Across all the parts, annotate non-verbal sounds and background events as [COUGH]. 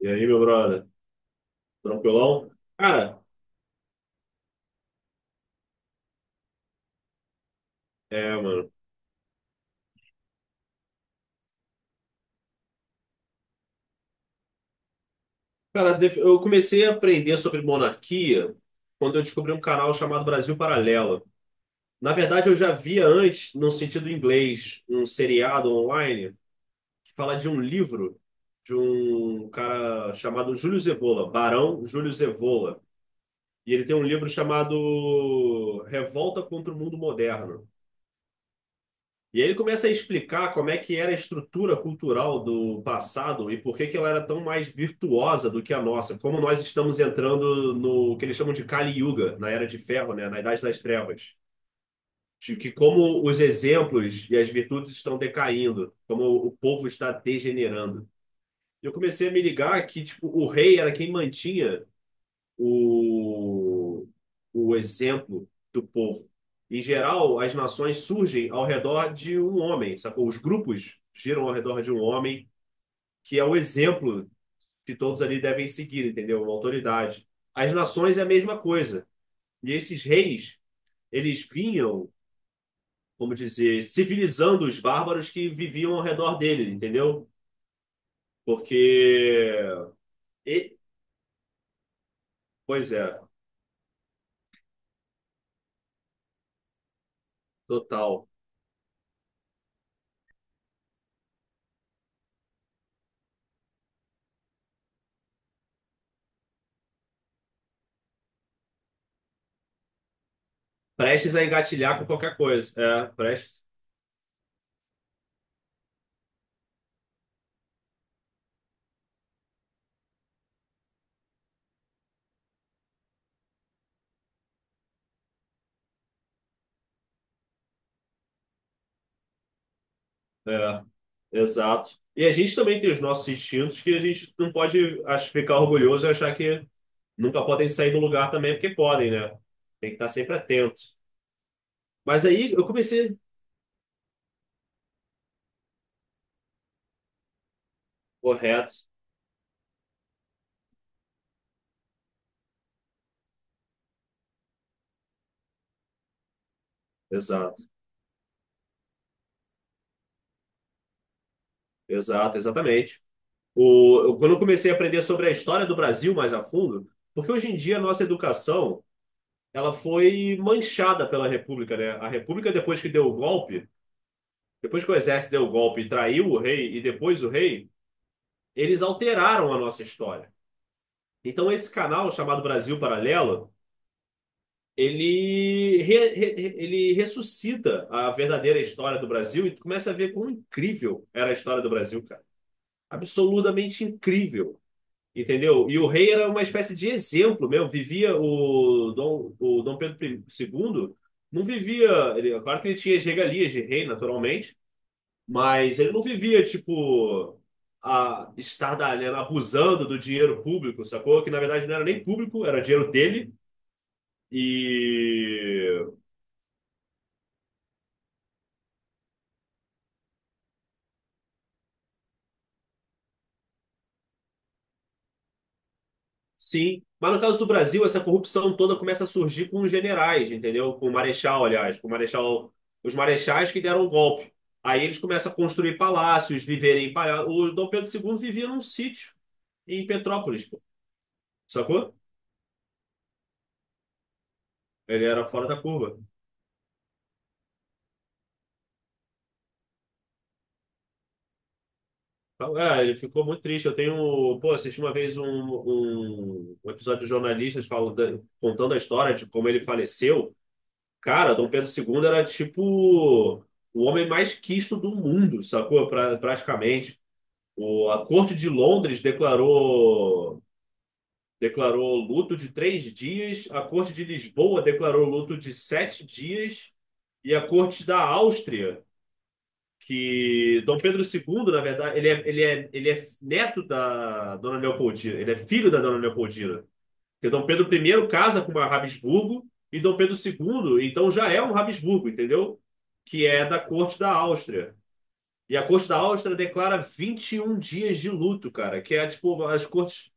E aí, meu brother? Tranquilão? Cara, mano. Cara, eu comecei a aprender sobre monarquia quando eu descobri um canal chamado Brasil Paralelo. Na verdade, eu já via antes, no sentido inglês, um seriado online que fala de um livro de um cara chamado Júlio Zevola, Barão Júlio Zevola. E ele tem um livro chamado Revolta contra o Mundo Moderno. E aí ele começa a explicar como é que era a estrutura cultural do passado e por que que ela era tão mais virtuosa do que a nossa. Como nós estamos entrando no que eles chamam de Kali Yuga, na Era de Ferro, né? Na Idade das Trevas. De que como os exemplos e as virtudes estão decaindo, como o povo está degenerando. Eu comecei a me ligar que tipo, o rei era quem mantinha o, o exemplo do povo. Em geral, as nações surgem ao redor de um homem, sacou? Os grupos giram ao redor de um homem, que é o exemplo que todos ali devem seguir, entendeu? Uma autoridade. As nações é a mesma coisa. E esses reis, eles vinham, como dizer, civilizando os bárbaros que viviam ao redor dele, entendeu? Porque. e- Pois é, total. Prestes a engatilhar com qualquer coisa. É, prestes. É. Exato. E a gente também tem os nossos instintos que a gente não pode ficar orgulhoso e achar que nunca podem sair do lugar também, porque podem, né? Tem que estar sempre atento. Mas aí eu comecei. Correto. Exato. Exato, exatamente. Quando eu comecei a aprender sobre a história do Brasil mais a fundo, porque hoje em dia a nossa educação ela foi manchada pela República, né? A República, depois que deu o golpe, depois que o exército deu o golpe e traiu o rei, e depois o rei, eles alteraram a nossa história. Então, esse canal chamado Brasil Paralelo, ele ressuscita a verdadeira história do Brasil e tu começa a ver quão incrível era a história do Brasil, cara. Absolutamente incrível, entendeu? E o rei era uma espécie de exemplo mesmo. Vivia o Dom Pedro II, não vivia. Ele, claro que ele tinha as regalias de rei, naturalmente, mas ele não vivia, tipo a estar abusando do dinheiro público, sacou? Que na verdade não era nem público, era dinheiro dele. E sim, mas no caso do Brasil, essa corrupção toda começa a surgir com os generais, entendeu? Com o marechal, aliás, com o marechal, os marechais que deram o golpe. Aí eles começam a construir palácios, viverem em palácios. O Dom Pedro II vivia num sítio em Petrópolis, pô. Sacou? Ele era fora da curva. Então, é, ele ficou muito triste. Eu tenho, pô, assisti uma vez um episódio de jornalistas falando, contando a história de como ele faleceu. Cara, Dom Pedro II era tipo o homem mais quisto do mundo, sacou? Praticamente. A corte de Londres declarou luto de 3 dias, a corte de Lisboa declarou luto de 7 dias e a corte da Áustria, que Dom Pedro II, na verdade, ele é neto da Dona Leopoldina, ele é filho da Dona Leopoldina. Porque Dom Pedro I casa com uma Habsburgo e Dom Pedro II, então já é um Habsburgo, entendeu? Que é da corte da Áustria. E a corte da Áustria declara 21 dias de luto, cara, que é tipo as cortes.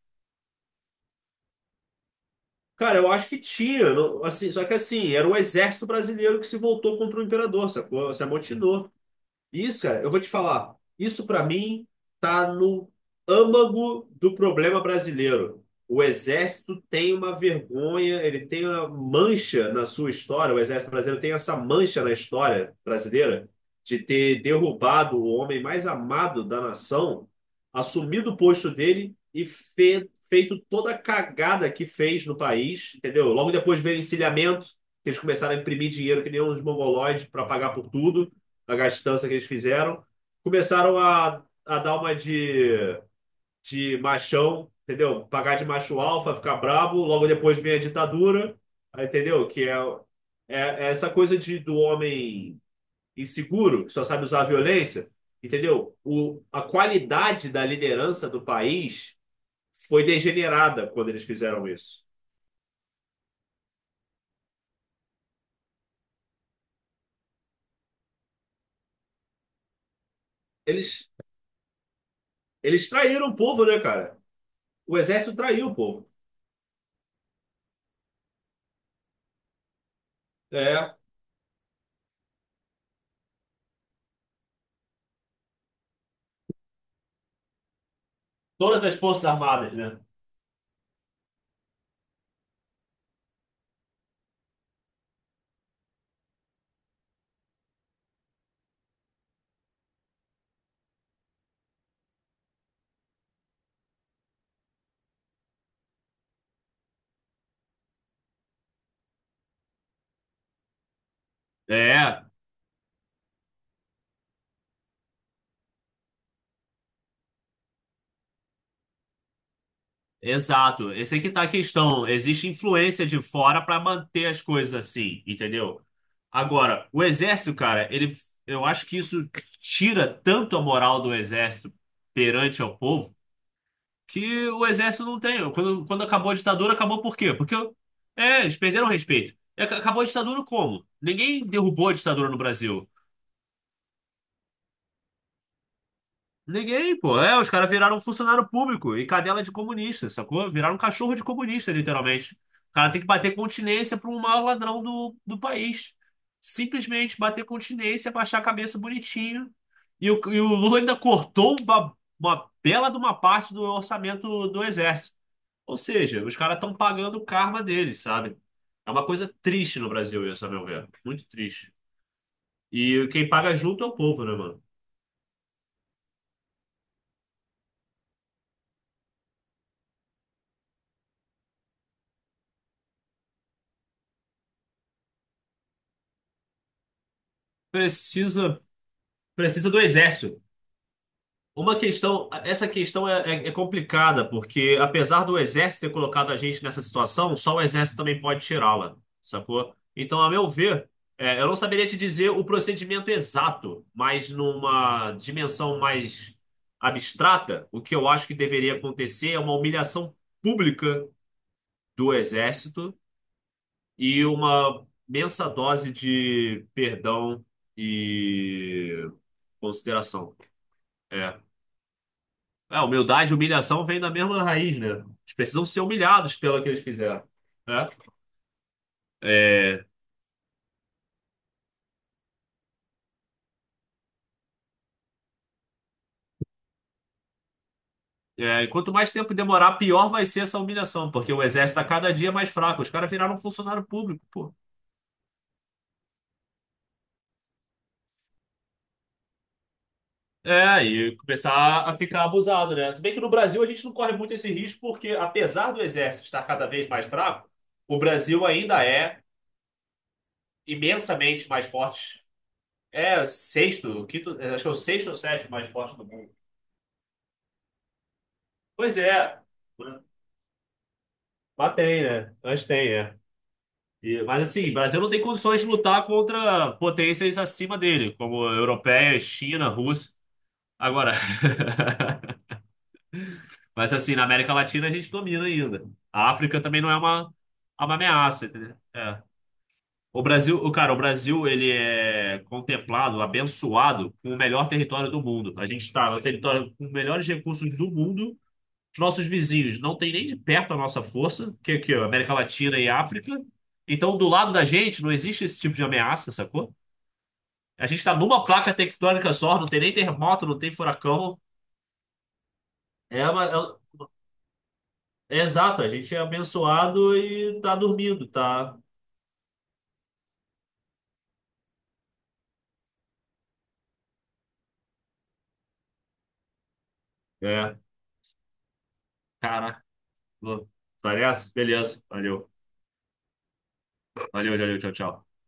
Cara, eu acho que tinha, assim, só que assim, era o exército brasileiro que se voltou contra o imperador, sacou? Se amotinou. Isso, cara, eu vou te falar. Isso pra mim tá no âmago do problema brasileiro. O exército tem uma vergonha, ele tem uma mancha na sua história. O exército brasileiro tem essa mancha na história brasileira de ter derrubado o homem mais amado da nação, assumido o posto dele e feito toda a cagada que fez no país, entendeu? Logo depois veio o encilhamento, que eles começaram a imprimir dinheiro que nem uns mongoloides para pagar por tudo a gastança que eles fizeram, começaram a dar uma de machão, entendeu? Pagar de macho alfa, ficar brabo, logo depois vem a ditadura, aí, entendeu? Que é, é essa coisa de, do homem inseguro, que só sabe usar a violência, entendeu? A qualidade da liderança do país foi degenerada quando eles fizeram isso. Eles, eles traíram o povo, né, cara? O exército traiu o povo. É, todas as forças armadas, né? É, exato. Esse aí que tá a questão. Existe influência de fora para manter as coisas assim, entendeu? Agora, o exército, cara, eu acho que isso tira tanto a moral do exército perante ao povo que o exército não tem. Quando acabou a ditadura, acabou por quê? Porque eles perderam o respeito. E Acabou a ditadura como? Ninguém derrubou a ditadura no Brasil. Ninguém, pô. É, os caras viraram funcionário público e cadela de comunista, sacou? Viraram cachorro de comunista, literalmente. O cara tem que bater continência para um maior ladrão do país. Simplesmente bater continência, baixar a cabeça bonitinho. E o Lula ainda cortou uma bela de uma parte do orçamento do Exército. Ou seja, os caras estão pagando o karma deles, sabe? É uma coisa triste no Brasil isso, a meu ver. Muito triste. E quem paga junto é o povo, né, mano? Precisa, precisa do Exército. Uma questão, essa questão é complicada, porque apesar do exército ter colocado a gente nessa situação, só o exército também pode tirá-la, sacou? Então, a meu ver, eu não saberia te dizer o procedimento exato, mas numa dimensão mais abstrata, o que eu acho que deveria acontecer é uma humilhação pública do exército e uma imensa dose de perdão e consideração. É. É, humildade e humilhação vêm da mesma raiz, né? Eles precisam ser humilhados pelo que eles fizeram, né? É, é, e quanto mais tempo demorar, pior vai ser essa humilhação, porque o exército está cada dia é mais fraco. Os caras viraram funcionário público, pô. É, e começar a ficar abusado, né? Se bem que no Brasil a gente não corre muito esse risco, porque apesar do exército estar cada vez mais fraco, o Brasil ainda é imensamente mais forte. É o sexto, o quinto, acho que é o sexto ou sétimo mais forte do mundo. Pois é. Mas tem, né? Mas tem, é. Mas assim, o Brasil não tem condições de lutar contra potências acima dele, como europeia China, Rússia. Agora, [LAUGHS] mas assim, na América Latina a gente domina ainda. A África também não é uma, é uma ameaça, entendeu? É. O Brasil, o cara, o Brasil, ele é contemplado, abençoado com o melhor território do mundo. A gente está no território com os melhores recursos do mundo. Os nossos vizinhos não têm nem de perto a nossa força, que é aqui, ó, América Latina e África. Então, do lado da gente, não existe esse tipo de ameaça, sacou? A gente está numa placa tectônica só, não tem nem terremoto, não tem furacão. É, é exato, a gente é abençoado e tá dormindo, tá? É, cara. Parece? Beleza. Valeu. Valeu, valeu, tchau, tchau.